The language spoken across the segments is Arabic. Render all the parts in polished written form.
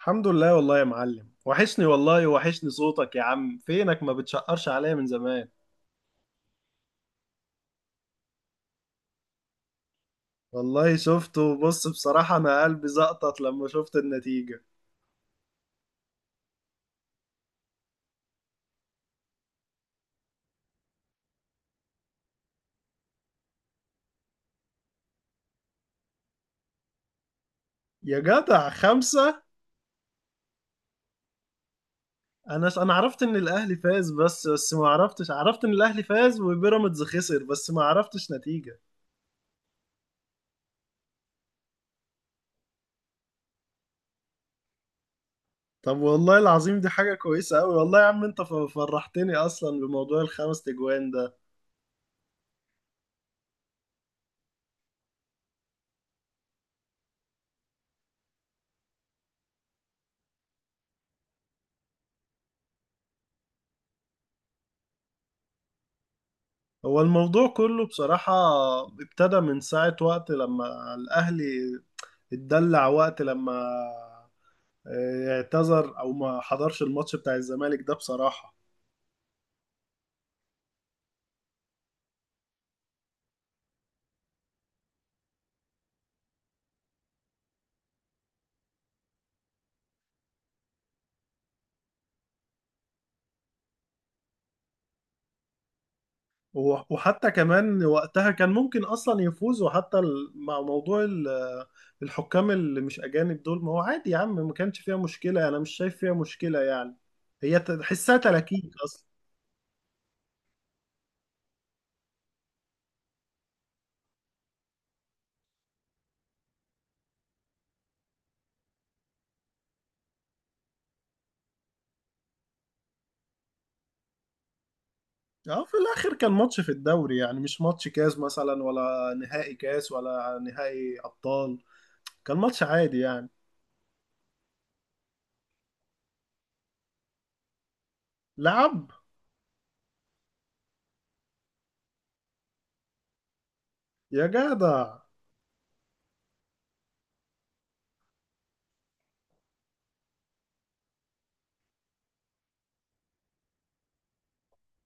الحمد لله والله يا معلم. وحشني والله، وحشني صوتك يا عم. فينك؟ ما بتشقرش عليا من زمان. والله شفته. بص بصراحة أنا قلبي زقطت لما شفت النتيجة. يا جدع خمسة! أنا عرفت إن الأهلي فاز، بس ما عرفتش. عرفت إن الأهلي فاز وبيراميدز خسر، بس ما عرفتش نتيجة. طب والله العظيم دي حاجة كويسة أوي. والله يا عم أنت فرحتني أصلا بموضوع الخمس تجوان ده. هو الموضوع كله بصراحة ابتدى من ساعة وقت لما الأهلي اتدلع، وقت لما اعتذر او ما حضرش الماتش بتاع الزمالك ده بصراحة. وحتى كمان وقتها كان ممكن اصلا يفوز، وحتى مع موضوع الحكام اللي مش اجانب دول، ما هو عادي يا عم، ما كانش فيها مشكلة. انا مش شايف فيها مشكلة يعني، هي تحسها تلاكيك اصلا. اه في الاخر كان ماتش في الدوري يعني، مش ماتش كاس مثلا، ولا نهائي كاس، ولا نهائي ابطال. كان ماتش عادي يعني. لعب. يا جدع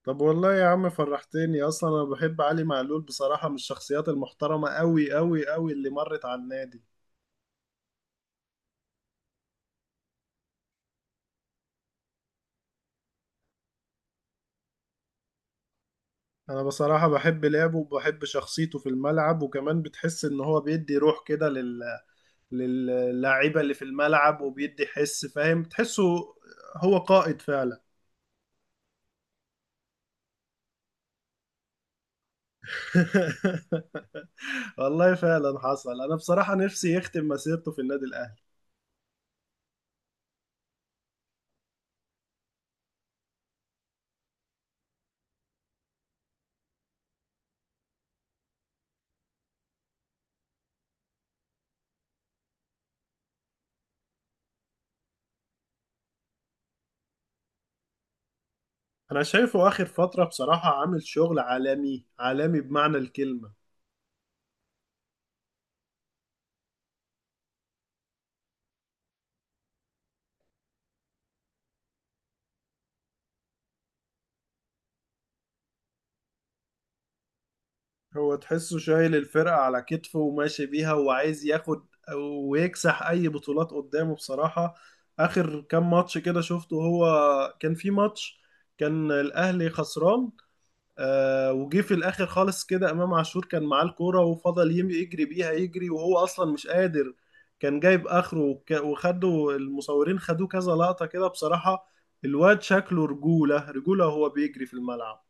طب والله يا عم فرحتني اصلا. انا بحب علي معلول بصراحة، من الشخصيات المحترمة قوي قوي قوي اللي مرت على النادي. انا بصراحة بحب لعبه وبحب شخصيته في الملعب، وكمان بتحس ان هو بيدي روح كده للاعيبة اللي في الملعب، وبيدي حس فاهم، تحسه هو قائد فعلا. والله فعلا حصل. انا بصراحة نفسي يختم مسيرته في النادي الاهلي. انا شايفه اخر فترة بصراحة عامل شغل عالمي، عالمي بمعنى الكلمة. هو تحسه شايل الفرقة على كتفه وماشي بيها، وعايز ياخد ويكسح أي بطولات قدامه بصراحة. آخر كام ماتش كده شفته، هو كان في ماتش كان الأهلي خسران، آه وجه في الآخر خالص كده إمام عاشور، كان معاه الكورة وفضل يجري بيها يجري، وهو أصلا مش قادر، كان جايب آخره. وخدوا المصورين خدوه كذا لقطة كده بصراحة. الواد شكله رجولة رجولة وهو بيجري في الملعب.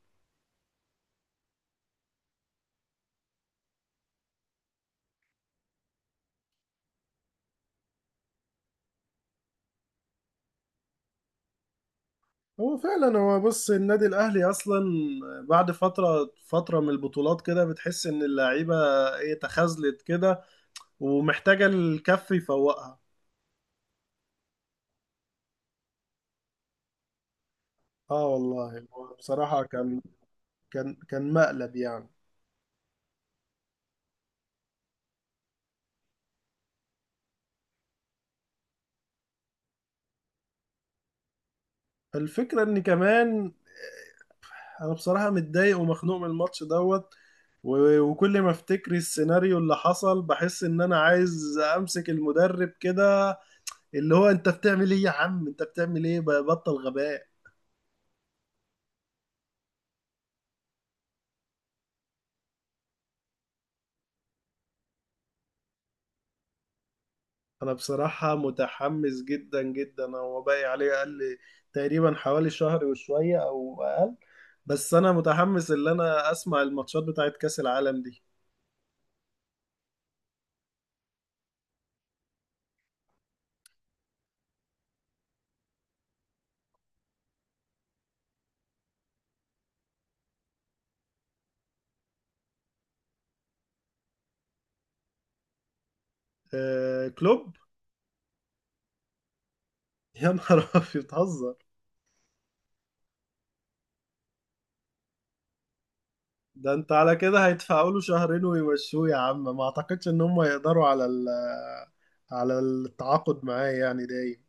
هو فعلا، هو بص النادي الاهلي اصلا بعد فتره من البطولات كده بتحس ان اللعيبه ايه، تخاذلت كده ومحتاجه الكف يفوقها. اه والله هو بصراحه كان، كان مقلب يعني. الفكره ان كمان انا بصراحه متضايق ومخنوق من الماتش دوت، وكل ما افتكر السيناريو اللي حصل بحس ان انا عايز امسك المدرب كده، اللي هو انت بتعمل ايه يا عم؟ انت بتعمل ايه؟ بطل غباء. انا بصراحة متحمس جدا جدا، هو باقي عليه اقل تقريبا، حوالي شهر وشوية او اقل. بس انا متحمس ان انا اسمع الماتشات بتاعت كأس العالم دي. آه كلوب. يا نهار ابيض، بتهزر. ده انت على كده هيدفعوا له شهرين ويمشوه يا عم. ما اعتقدش ان هم يقدروا على على التعاقد معاه يعني دايم.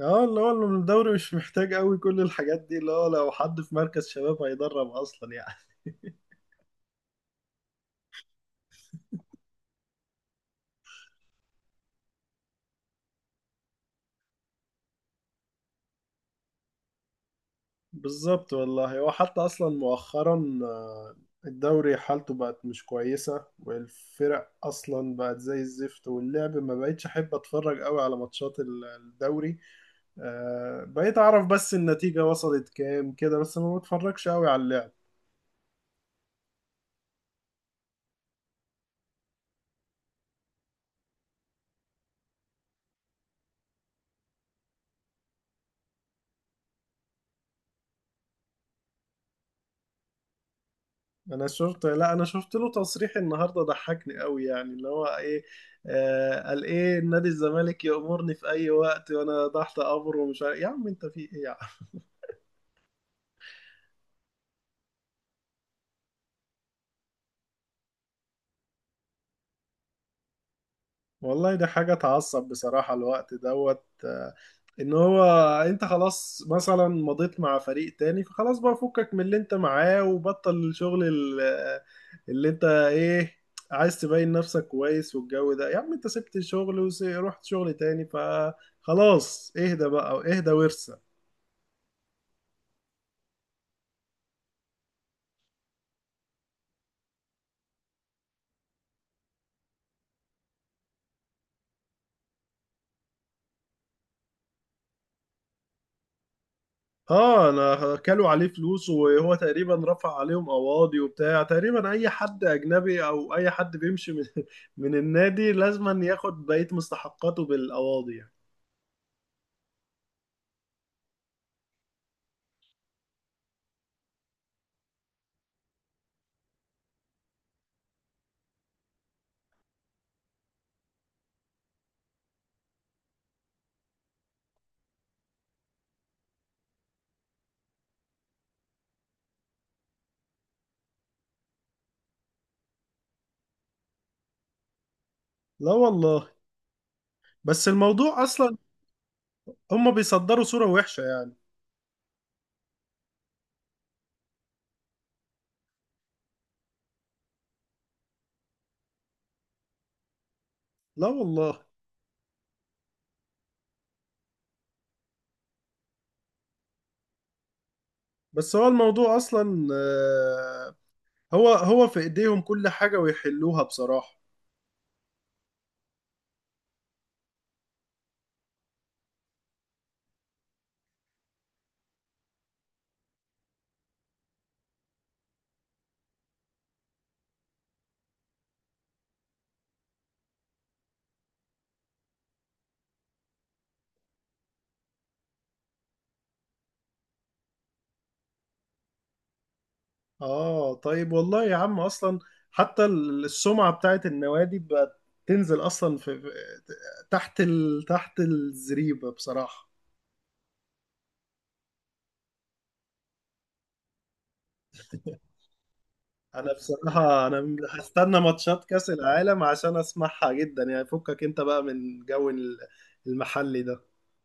اه، اللي هو الدوري مش محتاج قوي كل الحاجات دي، اللي هو لو حد في مركز شباب هيدرب اصلا يعني. بالظبط والله، هو حتى اصلا مؤخرا الدوري حالته بقت مش كويسه، والفرق اصلا بقت زي الزفت، واللعب ما بقتش احب اتفرج قوي على ماتشات الدوري. بقيت اعرف بس النتيجه وصلت كام كده، بس ما بتفرجش قوي على اللعب. انا شفت، لا انا شفت له تصريح النهارده ضحكني قوي يعني، اللي هو ايه، قال ايه نادي الزمالك يأمرني في اي وقت وانا تحت امره، ومش عارف. يا عم انت في ايه يا؟ والله ده حاجة تعصب بصراحة الوقت دوت، ان هو انت خلاص مثلا مضيت مع فريق تاني، فخلاص بقى فكك من اللي انت معاه، وبطل الشغل اللي انت ايه عايز تبين نفسك كويس. والجو ده يا عم انت سبت الشغل ورحت شغل تاني، فخلاص اهدى بقى، اهدى وارسى. اه انا كلوا عليه فلوس، وهو تقريبا رفع عليهم قواضي وبتاع. تقريبا اي حد اجنبي او اي حد بيمشي من, من النادي لازم ياخد بقية مستحقاته بالقواضي يعني. لا والله بس الموضوع اصلا هم بيصدروا صورة وحشة يعني. لا والله، بس هو الموضوع اصلا هو في ايديهم كل حاجة ويحلوها بصراحة. اه طيب والله يا عم اصلا حتى السمعة بتاعت النوادي بقت تنزل اصلا في تحت تحت الزريبة بصراحة. انا بصراحة هستنى ماتشات كأس العالم عشان اسمعها جدا يعني. فكك انت بقى من جو المحلي ده.